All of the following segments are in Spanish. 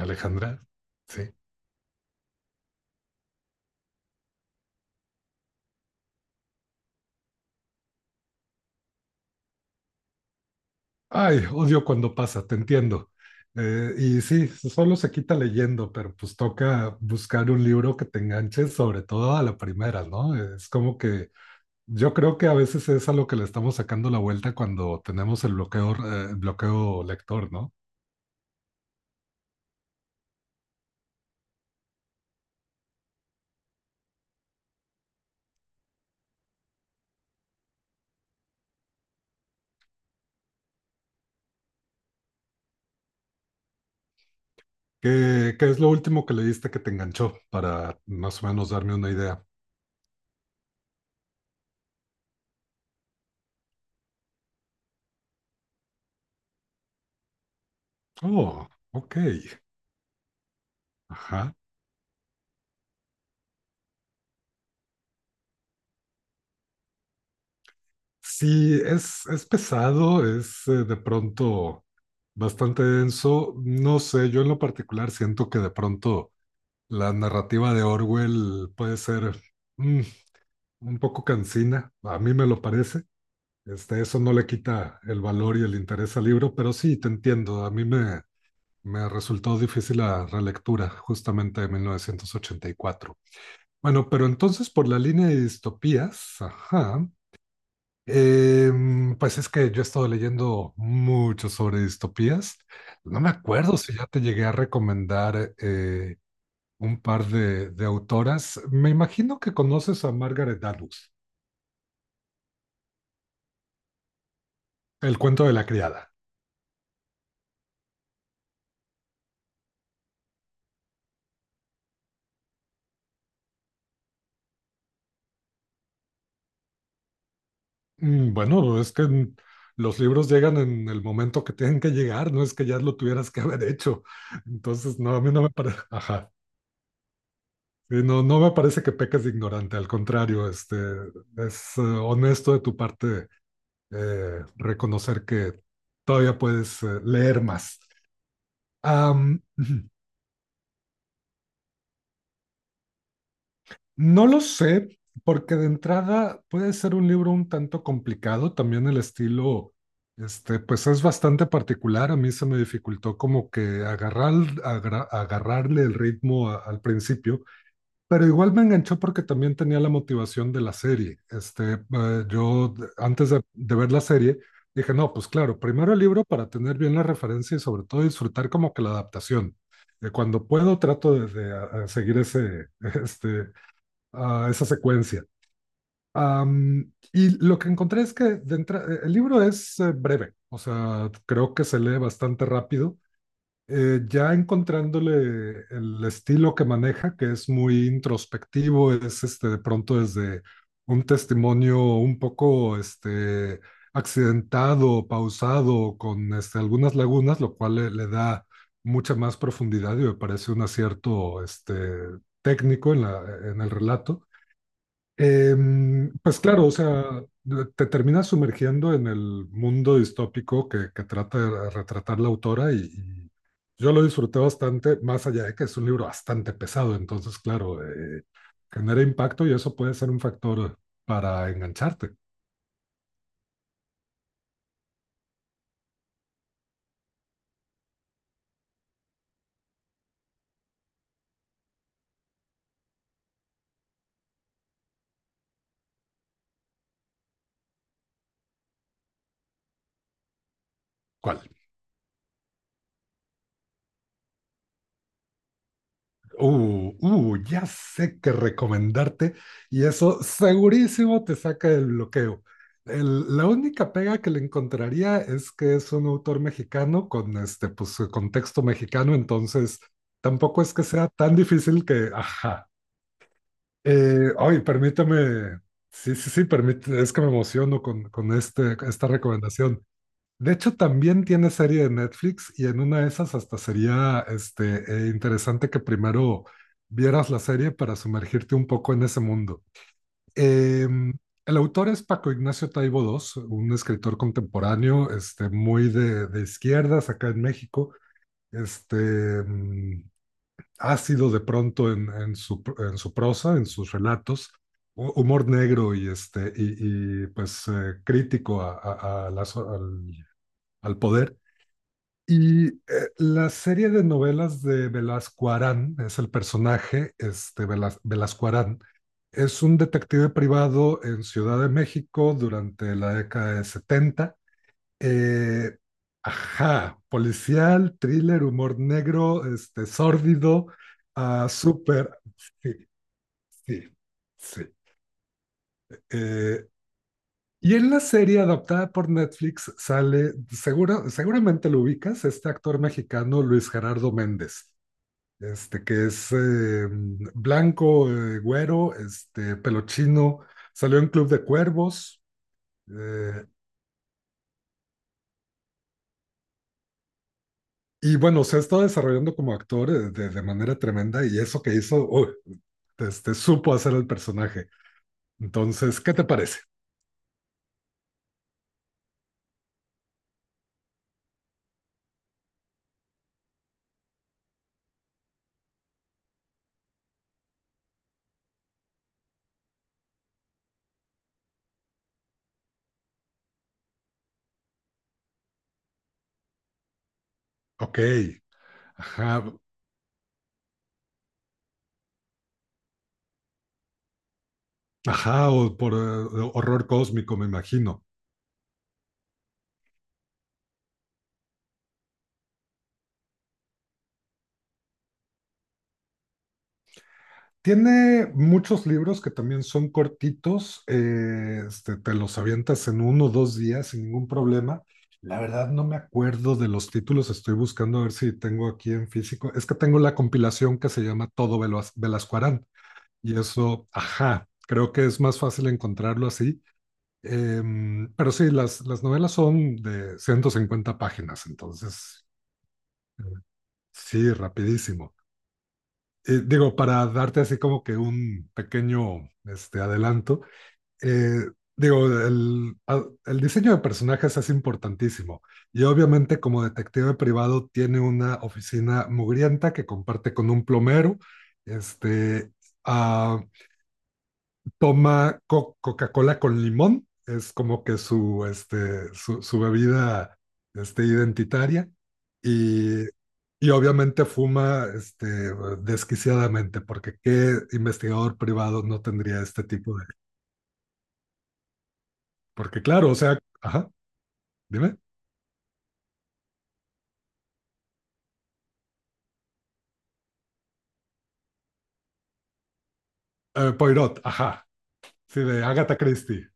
Alejandra, sí. Ay, odio cuando pasa, te entiendo. Sí, solo se quita leyendo, pero pues toca buscar un libro que te enganche, sobre todo a la primera, ¿no? Es como que yo creo que a veces es a lo que le estamos sacando la vuelta cuando tenemos el bloqueo, bloqueo lector, ¿no? ¿Qué es lo último que leíste que te enganchó para más o menos darme una idea? Oh, ok. Ajá. Sí, es pesado, es de pronto bastante denso. No sé, yo en lo particular siento que de pronto la narrativa de Orwell puede ser mm, un poco cansina, a mí me lo parece. Eso no le quita el valor y el interés al libro, pero sí, te entiendo, me resultó difícil la relectura justamente de 1984. Bueno, pero entonces por la línea de distopías, ajá. Pues es que yo he estado leyendo mucho sobre distopías. No me acuerdo si ya te llegué a recomendar un par de autoras. Me imagino que conoces a Margaret Atwood, El cuento de la criada. Bueno, es que los libros llegan en el momento que tienen que llegar, no es que ya lo tuvieras que haber hecho. Entonces, no, a mí no me parece, ajá. Sí, no, no me parece que peques de ignorante, al contrario, es honesto de tu parte reconocer que todavía puedes leer más. Am, no lo sé, porque de entrada puede ser un libro un tanto complicado, también el estilo, pues es bastante particular, a mí se me dificultó como que agarrarle el ritmo al principio. Pero igual me enganchó porque también tenía la motivación de la serie. Yo antes de ver la serie dije, no, pues claro, primero el libro para tener bien la referencia y sobre todo disfrutar como que la adaptación. Cuando puedo trato de a seguir este, esa secuencia. Y lo que encontré es que el libro es breve, o sea, creo que se lee bastante rápido ya encontrándole el estilo que maneja, que es muy introspectivo, de pronto desde un testimonio un poco accidentado, pausado, con algunas lagunas, lo cual le da mucha más profundidad y me parece un acierto técnico en el relato. Pues claro, o sea, te terminas sumergiendo en el mundo distópico que trata de retratar la autora y yo lo disfruté bastante, más allá de que es un libro bastante pesado, entonces claro, genera impacto y eso puede ser un factor para engancharte. ¿Cuál? Ya sé que recomendarte y eso segurísimo te saca del bloqueo. La única pega que le encontraría es que es un autor mexicano con pues, contexto mexicano, entonces tampoco es que sea tan difícil que, ajá. Ay, permíteme, sí, sí, sí, permíteme, es que me emociono con esta recomendación. De hecho, también tiene serie de Netflix y en una de esas hasta sería interesante que primero vieras la serie para sumergirte un poco en ese mundo. Eh, el autor es Paco Ignacio Taibo II, un escritor contemporáneo, muy de izquierdas acá en México, este, mm, ácido de pronto en su prosa, en sus relatos, humor negro y pues crítico a al al poder. Y la serie de novelas de Velasco Arán, es el personaje, este Velasco Arán, es un detective privado en Ciudad de México durante la década de 70. Eh, ajá, policial, thriller, humor negro, sórdido, ah, súper. Sí, sí, sí. Eh, y en la serie adaptada por Netflix sale, seguramente lo ubicas, este actor mexicano Luis Gerardo Méndez. Este, que es blanco, güero, pelo chino, salió en Club de Cuervos, eh, y bueno, se ha estado desarrollando como actor de manera tremenda, y eso que hizo, uy, supo hacer el personaje. Entonces, ¿qué te parece? Ok, ajá, ajá, o por horror cósmico, me imagino. Tiene muchos libros que también son cortitos, te los avientas en uno o dos días sin ningún problema. La verdad no me acuerdo de los títulos, estoy buscando a ver si tengo aquí en físico. Es que tengo la compilación que se llama Todo Velasco Arán y eso, ajá, creo que es más fácil encontrarlo así. Pero sí, las novelas son de 150 páginas, entonces, eh, sí, rapidísimo digo, para darte así como que un pequeño adelanto, eh, digo, el diseño de personajes es importantísimo y obviamente como detective privado tiene una oficina mugrienta que comparte con un plomero, este, uh, toma co Coca-Cola con limón, es como que su su bebida identitaria y y obviamente fuma desquiciadamente, porque qué investigador privado no tendría este tipo de... Porque claro, o sea, ajá, dime. Poirot, ajá, sí, de Agatha Christie.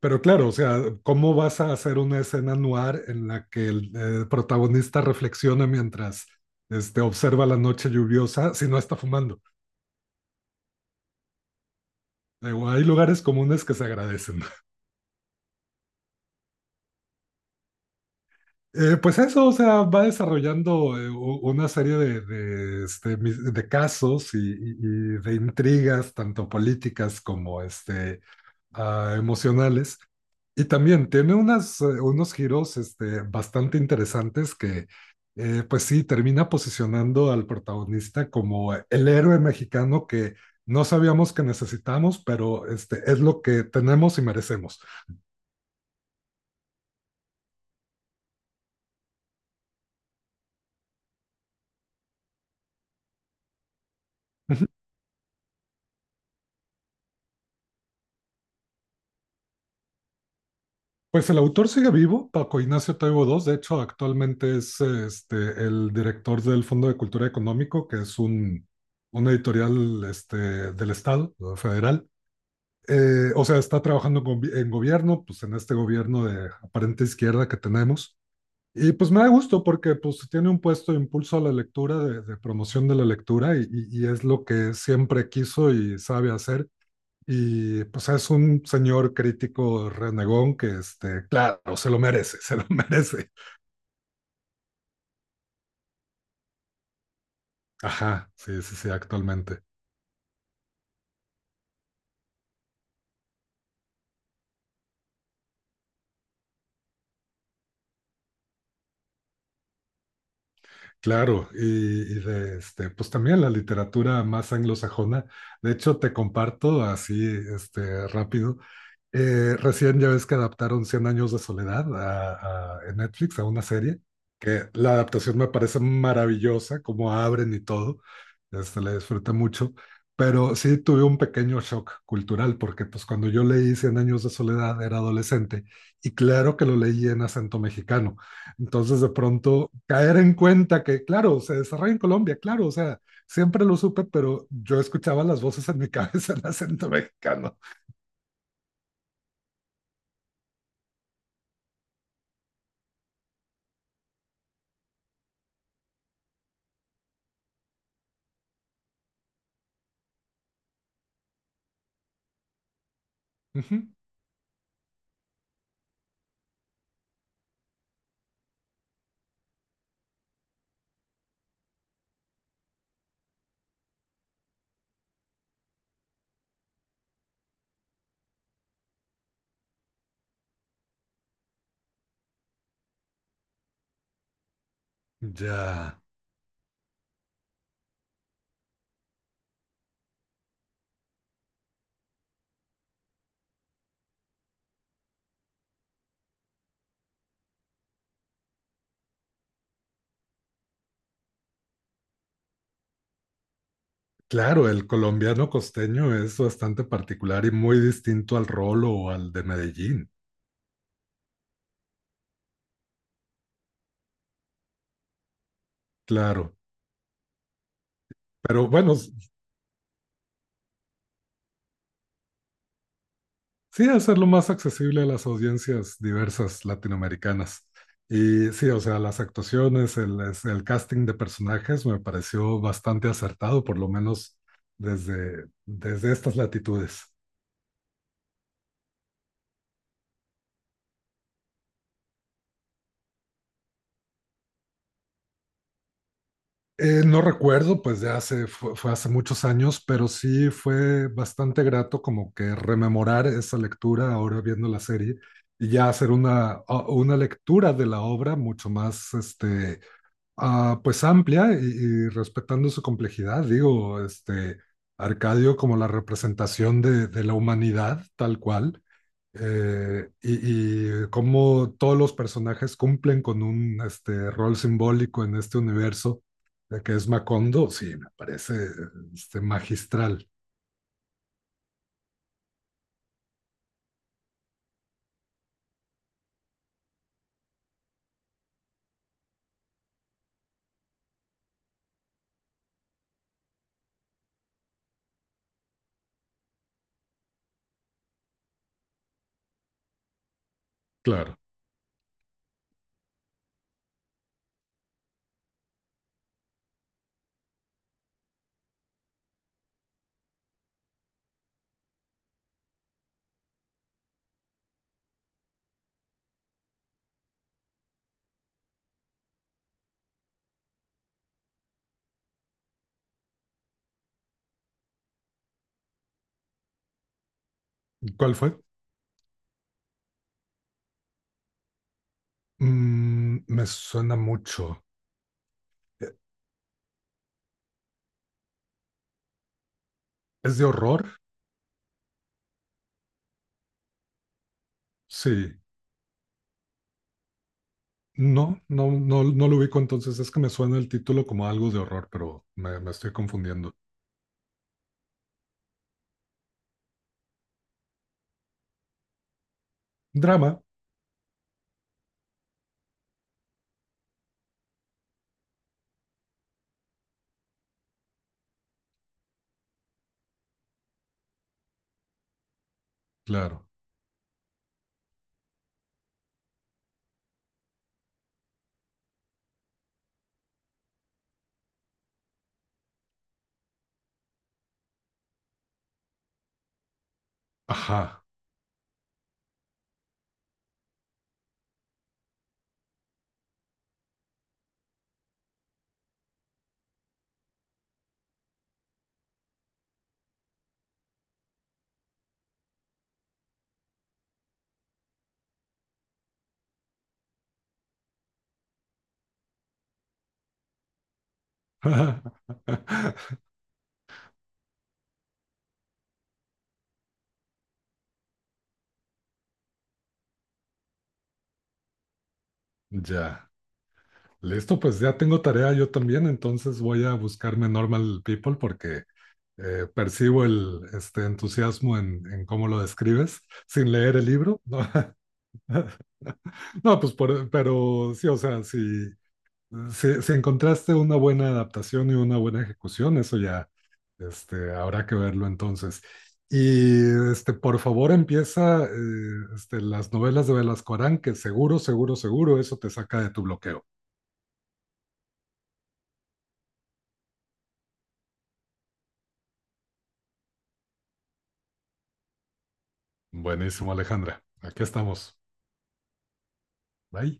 Pero claro, o sea, ¿cómo vas a hacer una escena noir en la que el protagonista reflexiona mientras observa la noche lluviosa si no está fumando? Digo, hay lugares comunes que se agradecen. Pues eso, o sea, va desarrollando una serie de casos y de intrigas, tanto políticas como emocionales. Y también tiene unas, unos giros bastante interesantes que pues sí, termina posicionando al protagonista como el héroe mexicano que no sabíamos que necesitamos, pero es lo que tenemos y merecemos. Pues el autor sigue vivo, Paco Ignacio Taibo II, de hecho actualmente es el director del Fondo de Cultura Económico, que es una editorial del Estado federal. O sea, está trabajando en gobierno, pues en este gobierno de aparente izquierda que tenemos. Y pues me da gusto porque pues tiene un puesto de impulso a la lectura, de promoción de la lectura, y es lo que siempre quiso y sabe hacer. Y pues es un señor crítico renegón que, claro, se lo merece, se lo merece. Ajá, sí, sí, sí, actualmente. Claro, y de pues también la literatura más anglosajona. De hecho, te comparto así, rápido. Recién ya ves que adaptaron Cien años de soledad en Netflix a una serie, que la adaptación me parece maravillosa, como abren y todo, la disfruté mucho, pero sí tuve un pequeño shock cultural, porque pues cuando yo leí Cien años de soledad era adolescente y claro que lo leí en acento mexicano, entonces de pronto caer en cuenta que, claro, se desarrolla en Colombia, claro, o sea, siempre lo supe, pero yo escuchaba las voces en mi cabeza en acento mexicano. Ujú. Ya, claro, el colombiano costeño es bastante particular y muy distinto al rolo o al de Medellín, claro. Pero bueno, sí hacerlo más accesible a las audiencias diversas latinoamericanas. Y sí, o sea, las actuaciones, el casting de personajes me pareció bastante acertado, por lo menos desde estas latitudes. No recuerdo, pues de hace, fue hace muchos años, pero sí fue bastante grato como que rememorar esa lectura ahora viendo la serie y ya hacer una lectura de la obra mucho más, pues amplia y respetando su complejidad. Digo, Arcadio como la representación de la humanidad tal cual y cómo todos los personajes cumplen con un rol simbólico en este universo, de que es Macondo, sí, me parece magistral. Claro. ¿Cuál fue? Mm, me suena mucho. Eh, ¿Es de horror? Sí. No, no, no, no lo ubico entonces. Es que me suena el título como algo de horror, me estoy confundiendo. Drama, Claro. ajá. Ya. Listo, pues ya tengo tarea yo también, entonces voy a buscarme Normal People porque percibo el entusiasmo en cómo lo describes sin leer el libro. No, no, pues pero sí, o sea, si encontraste una buena adaptación y una buena ejecución, eso ya habrá que verlo entonces. Y por favor empieza las novelas de Velasco Arán, que seguro, seguro, seguro eso te saca de tu bloqueo. Buenísimo, Alejandra. Aquí estamos. Bye.